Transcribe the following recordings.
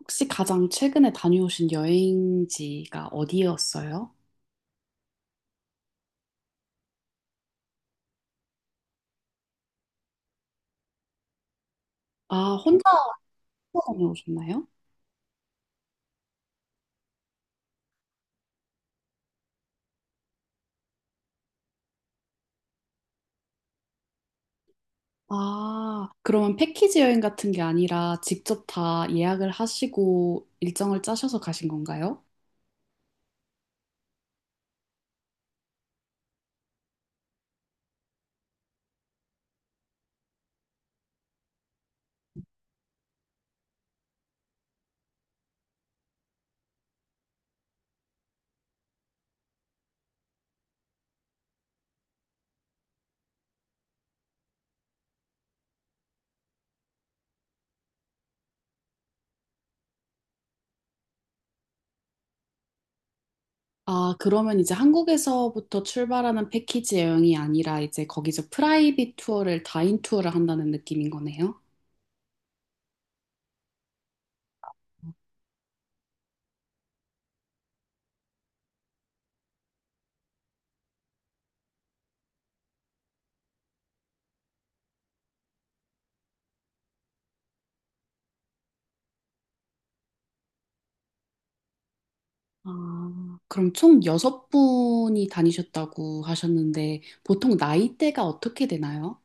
혹시 가장 최근에 다녀오신 여행지가 어디였어요? 아, 혼자 다녀오셨나요? 아, 그러면 패키지 여행 같은 게 아니라 직접 다 예약을 하시고 일정을 짜셔서 가신 건가요? 아, 그러면 이제 한국에서부터 출발하는 패키지 여행이 아니라 이제 거기서 프라이빗 투어를 다인 투어를 한다는 느낌인 거네요? 아, 그럼 총 여섯 분이 다니셨다고 하셨는데 보통 나이대가 어떻게 되나요?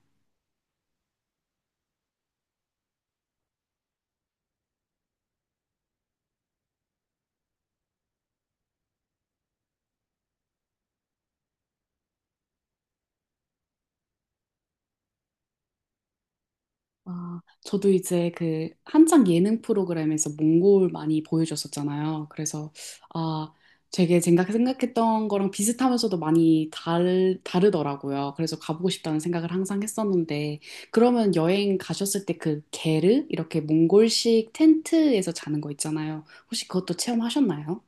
아, 저도 이제 그 한창 예능 프로그램에서 몽골 많이 보여줬었잖아요. 그래서 아, 되게 생각했던 거랑 비슷하면서도 많이 다르더라고요. 그래서 가보고 싶다는 생각을 항상 했었는데 그러면 여행 가셨을 때 그 게르 이렇게 몽골식 텐트에서 자는 거 있잖아요. 혹시 그것도 체험하셨나요?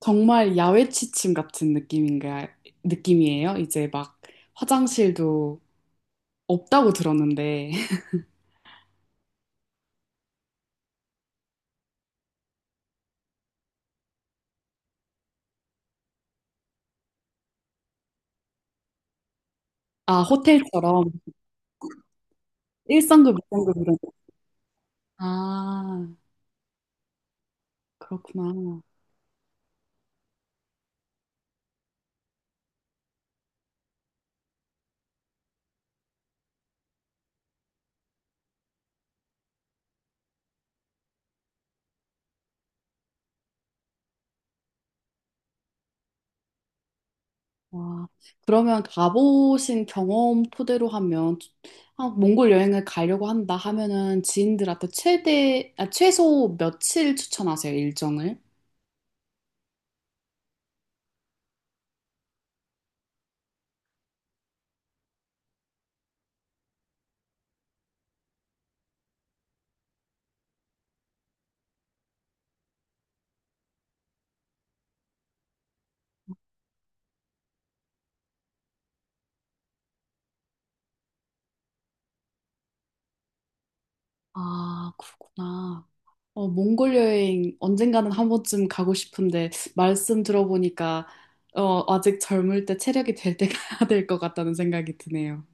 정말 야외 취침 같은 느낌인가 느낌이에요. 이제 막 화장실도 없다고 들었는데 아, 호텔처럼 1상급, 2상급 이런 거. 아, 그렇구나. 와. 그러면 가보신 경험 토대로 하면, 아, 몽골 여행을 가려고 한다 하면은 지인들한테 최대, 아, 최소 며칠 추천하세요, 일정을? 아, 그렇구나. 어, 몽골 여행 언젠가는 한 번쯤 가고 싶은데, 말씀 들어보니까, 어, 아직 젊을 때 체력이 될 때 가야 될 것 같다는 생각이 드네요.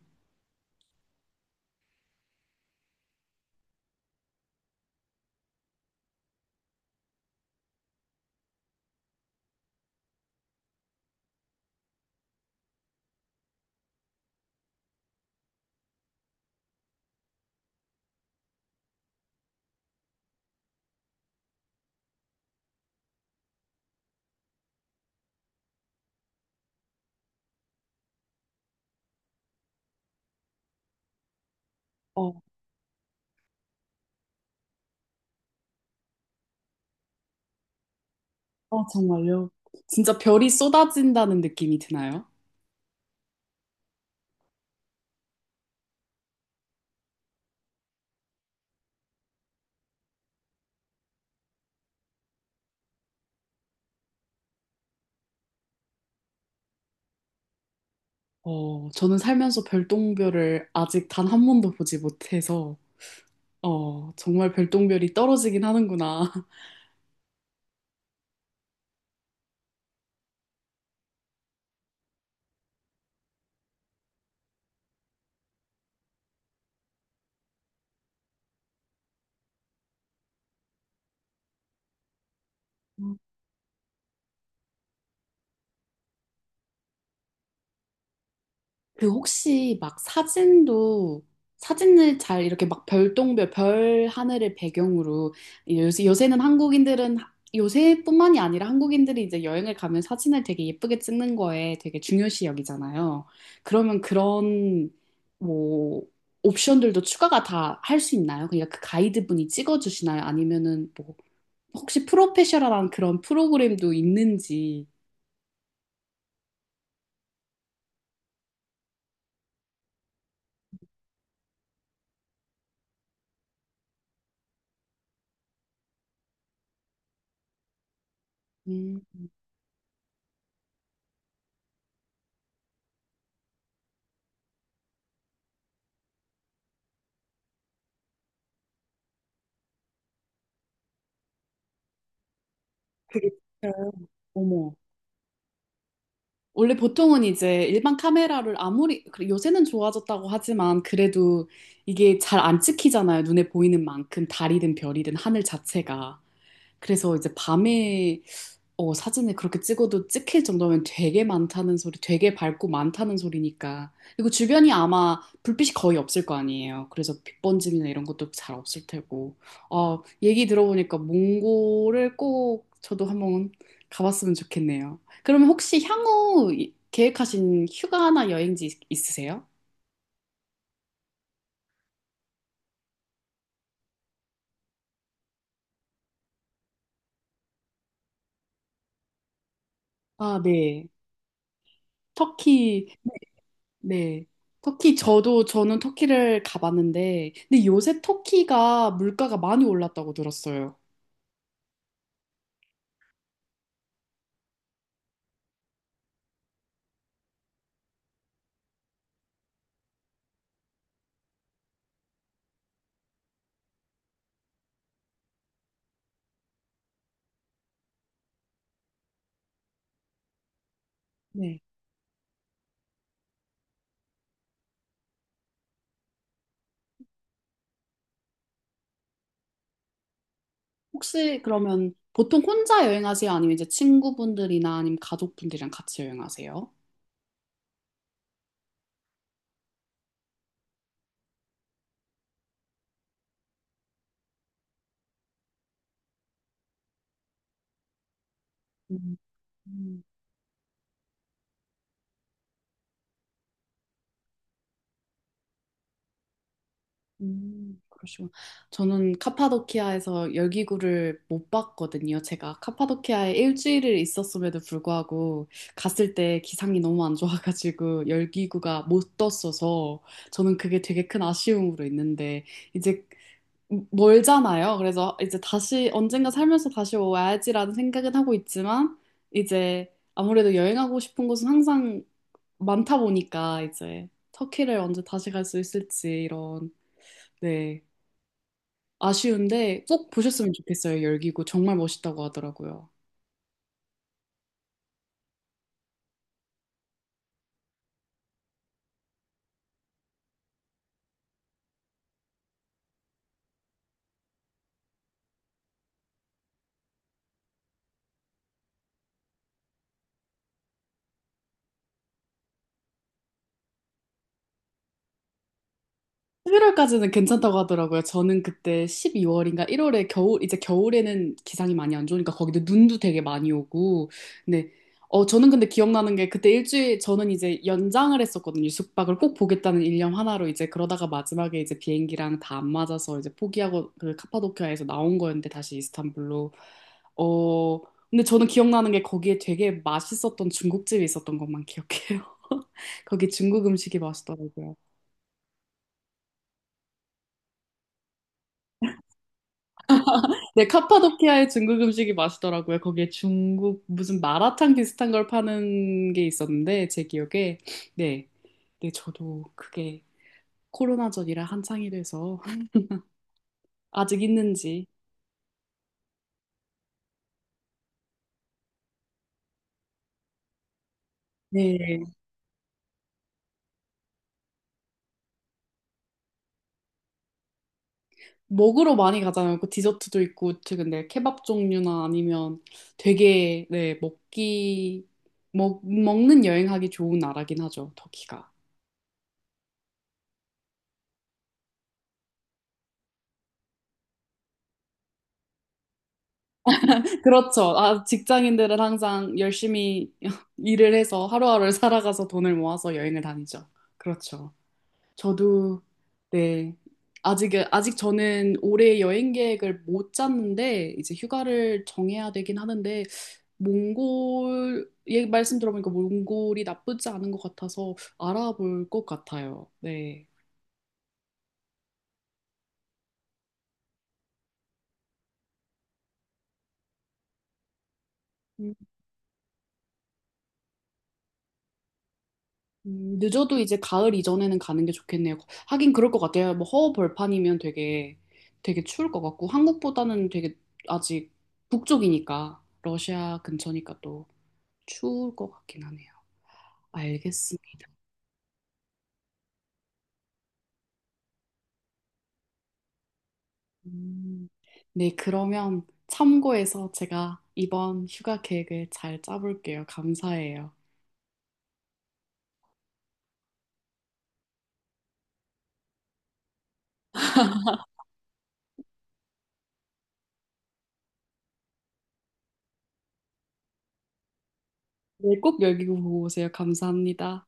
어, 어, 정말요? 진짜 별이 쏟아진다는 느낌이 드나요? 어, 저는 살면서 별똥별을 아직 단 한 번도 보지 못해서, 어, 정말 별똥별이 떨어지긴 하는구나. 그 혹시 막 사진도, 사진을 잘 이렇게 막 별똥별, 별 하늘을 배경으로, 요새는 한국인들은, 요새뿐만이 아니라 한국인들이 이제 여행을 가면 사진을 되게 예쁘게 찍는 거에 되게 중요시 여기잖아요. 그러면 그런, 뭐, 옵션들도 추가가 다 할 수 있나요? 그러니까 그 가이드분이 찍어주시나요? 아니면은 뭐 혹시 프로페셔널한 그런 프로그램도 있는지. 음, 그래, 어머. 원래 보통은 이제 일반 카메라를 아무리, 그래, 요새는 좋아졌다고 하지만 그래도 이게 잘 안 찍히잖아요. 눈에 보이는 만큼 달이든 별이든 하늘 자체가. 그래서 이제 밤에 어, 사진을 그렇게 찍어도 찍힐 정도면 되게 많다는 소리, 되게 밝고 많다는 소리니까. 그리고 주변이 아마 불빛이 거의 없을 거 아니에요. 그래서 빛 번짐이나 이런 것도 잘 없을 테고. 어, 얘기 들어보니까 몽골을 꼭 저도 한번 가봤으면 좋겠네요. 그러면 혹시 향후 이- 계획하신 휴가나 여행지 있- 있으세요? 아, 네. 터키 네. 저는 터키를 가봤는데, 근데 요새 터키가 물가가 많이 올랐다고 들었어요. 네. 혹시 그러면 보통 혼자 여행하세요? 아니면 이제 친구분들이나 아니면 가족분들이랑 같이 여행하세요? 음. 그러시구나. 저는 카파도키아에서 열기구를 못 봤거든요. 제가 카파도키아에 일주일을 있었음에도 불구하고 갔을 때 기상이 너무 안 좋아가지고 열기구가 못 떴어서 저는 그게 되게 큰 아쉬움으로 있는데 이제 멀잖아요. 그래서 이제 다시 언젠가 살면서 다시 와야지라는 생각은 하고 있지만 이제 아무래도 여행하고 싶은 곳은 항상 많다 보니까 이제 터키를 언제 다시 갈 수 있을지 이런 네. 아쉬운데 꼭 보셨으면 좋겠어요. 열기구 정말 멋있다고 하더라고요. 11월까지는 괜찮다고 하더라고요. 저는 그때 12월인가 1월에 겨울, 이제 겨울에는 기상이 많이 안 좋으니까 거기도 눈도 되게 많이 오고. 근데, 어, 저는 근데 기억나는 게 그때 일주일, 저는 이제 연장을 했었거든요. 숙박을 꼭 보겠다는 일념 하나로 이제 그러다가 마지막에 이제 비행기랑 다 안 맞아서 이제 포기하고 그 카파도키아에서 나온 거였는데 다시 이스탄불로. 어, 근데 저는 기억나는 게 거기에 되게 맛있었던 중국집이 있었던 것만 기억해요. 거기 중국 음식이 맛있더라고요. 네, 카파도키아의 중국 음식이 맛있더라고요. 거기에 중국 무슨 마라탕 비슷한 걸 파는 게 있었는데 제 기억에 네, 네 저도 그게 코로나 전이라 한창이 돼서 아직 있는지 네 먹으러 많이 가잖아요. 그 디저트도 있고 최 근데 케밥 종류나 아니면 되게 네 먹기 먹 먹는 여행하기 좋은 나라긴 하죠. 터키가. 그렇죠. 아, 직장인들은 항상 열심히 일을 해서 하루하루를 살아가서 돈을 모아서 여행을 다니죠. 그렇죠. 저도, 네. 아직 저는 올해 여행 계획을 못 짰는데, 이제 휴가를 정해야 되긴 하는데, 몽골, 얘 말씀 들어보니까 몽골이 나쁘지 않은 것 같아서 알아볼 것 같아요. 네. 늦어도 이제 가을 이전에는 가는 게 좋겠네요. 하긴 그럴 것 같아요. 뭐 허허벌판이면 되게 되게 추울 것 같고 한국보다는 되게 아직 북쪽이니까 러시아 근처니까 또 추울 것 같긴 하네요. 알겠습니다. 음, 네, 그러면 참고해서 제가 이번 휴가 계획을 잘 짜볼게요. 감사해요. 네, 꼭 여기 보고 오세요. 감사합니다.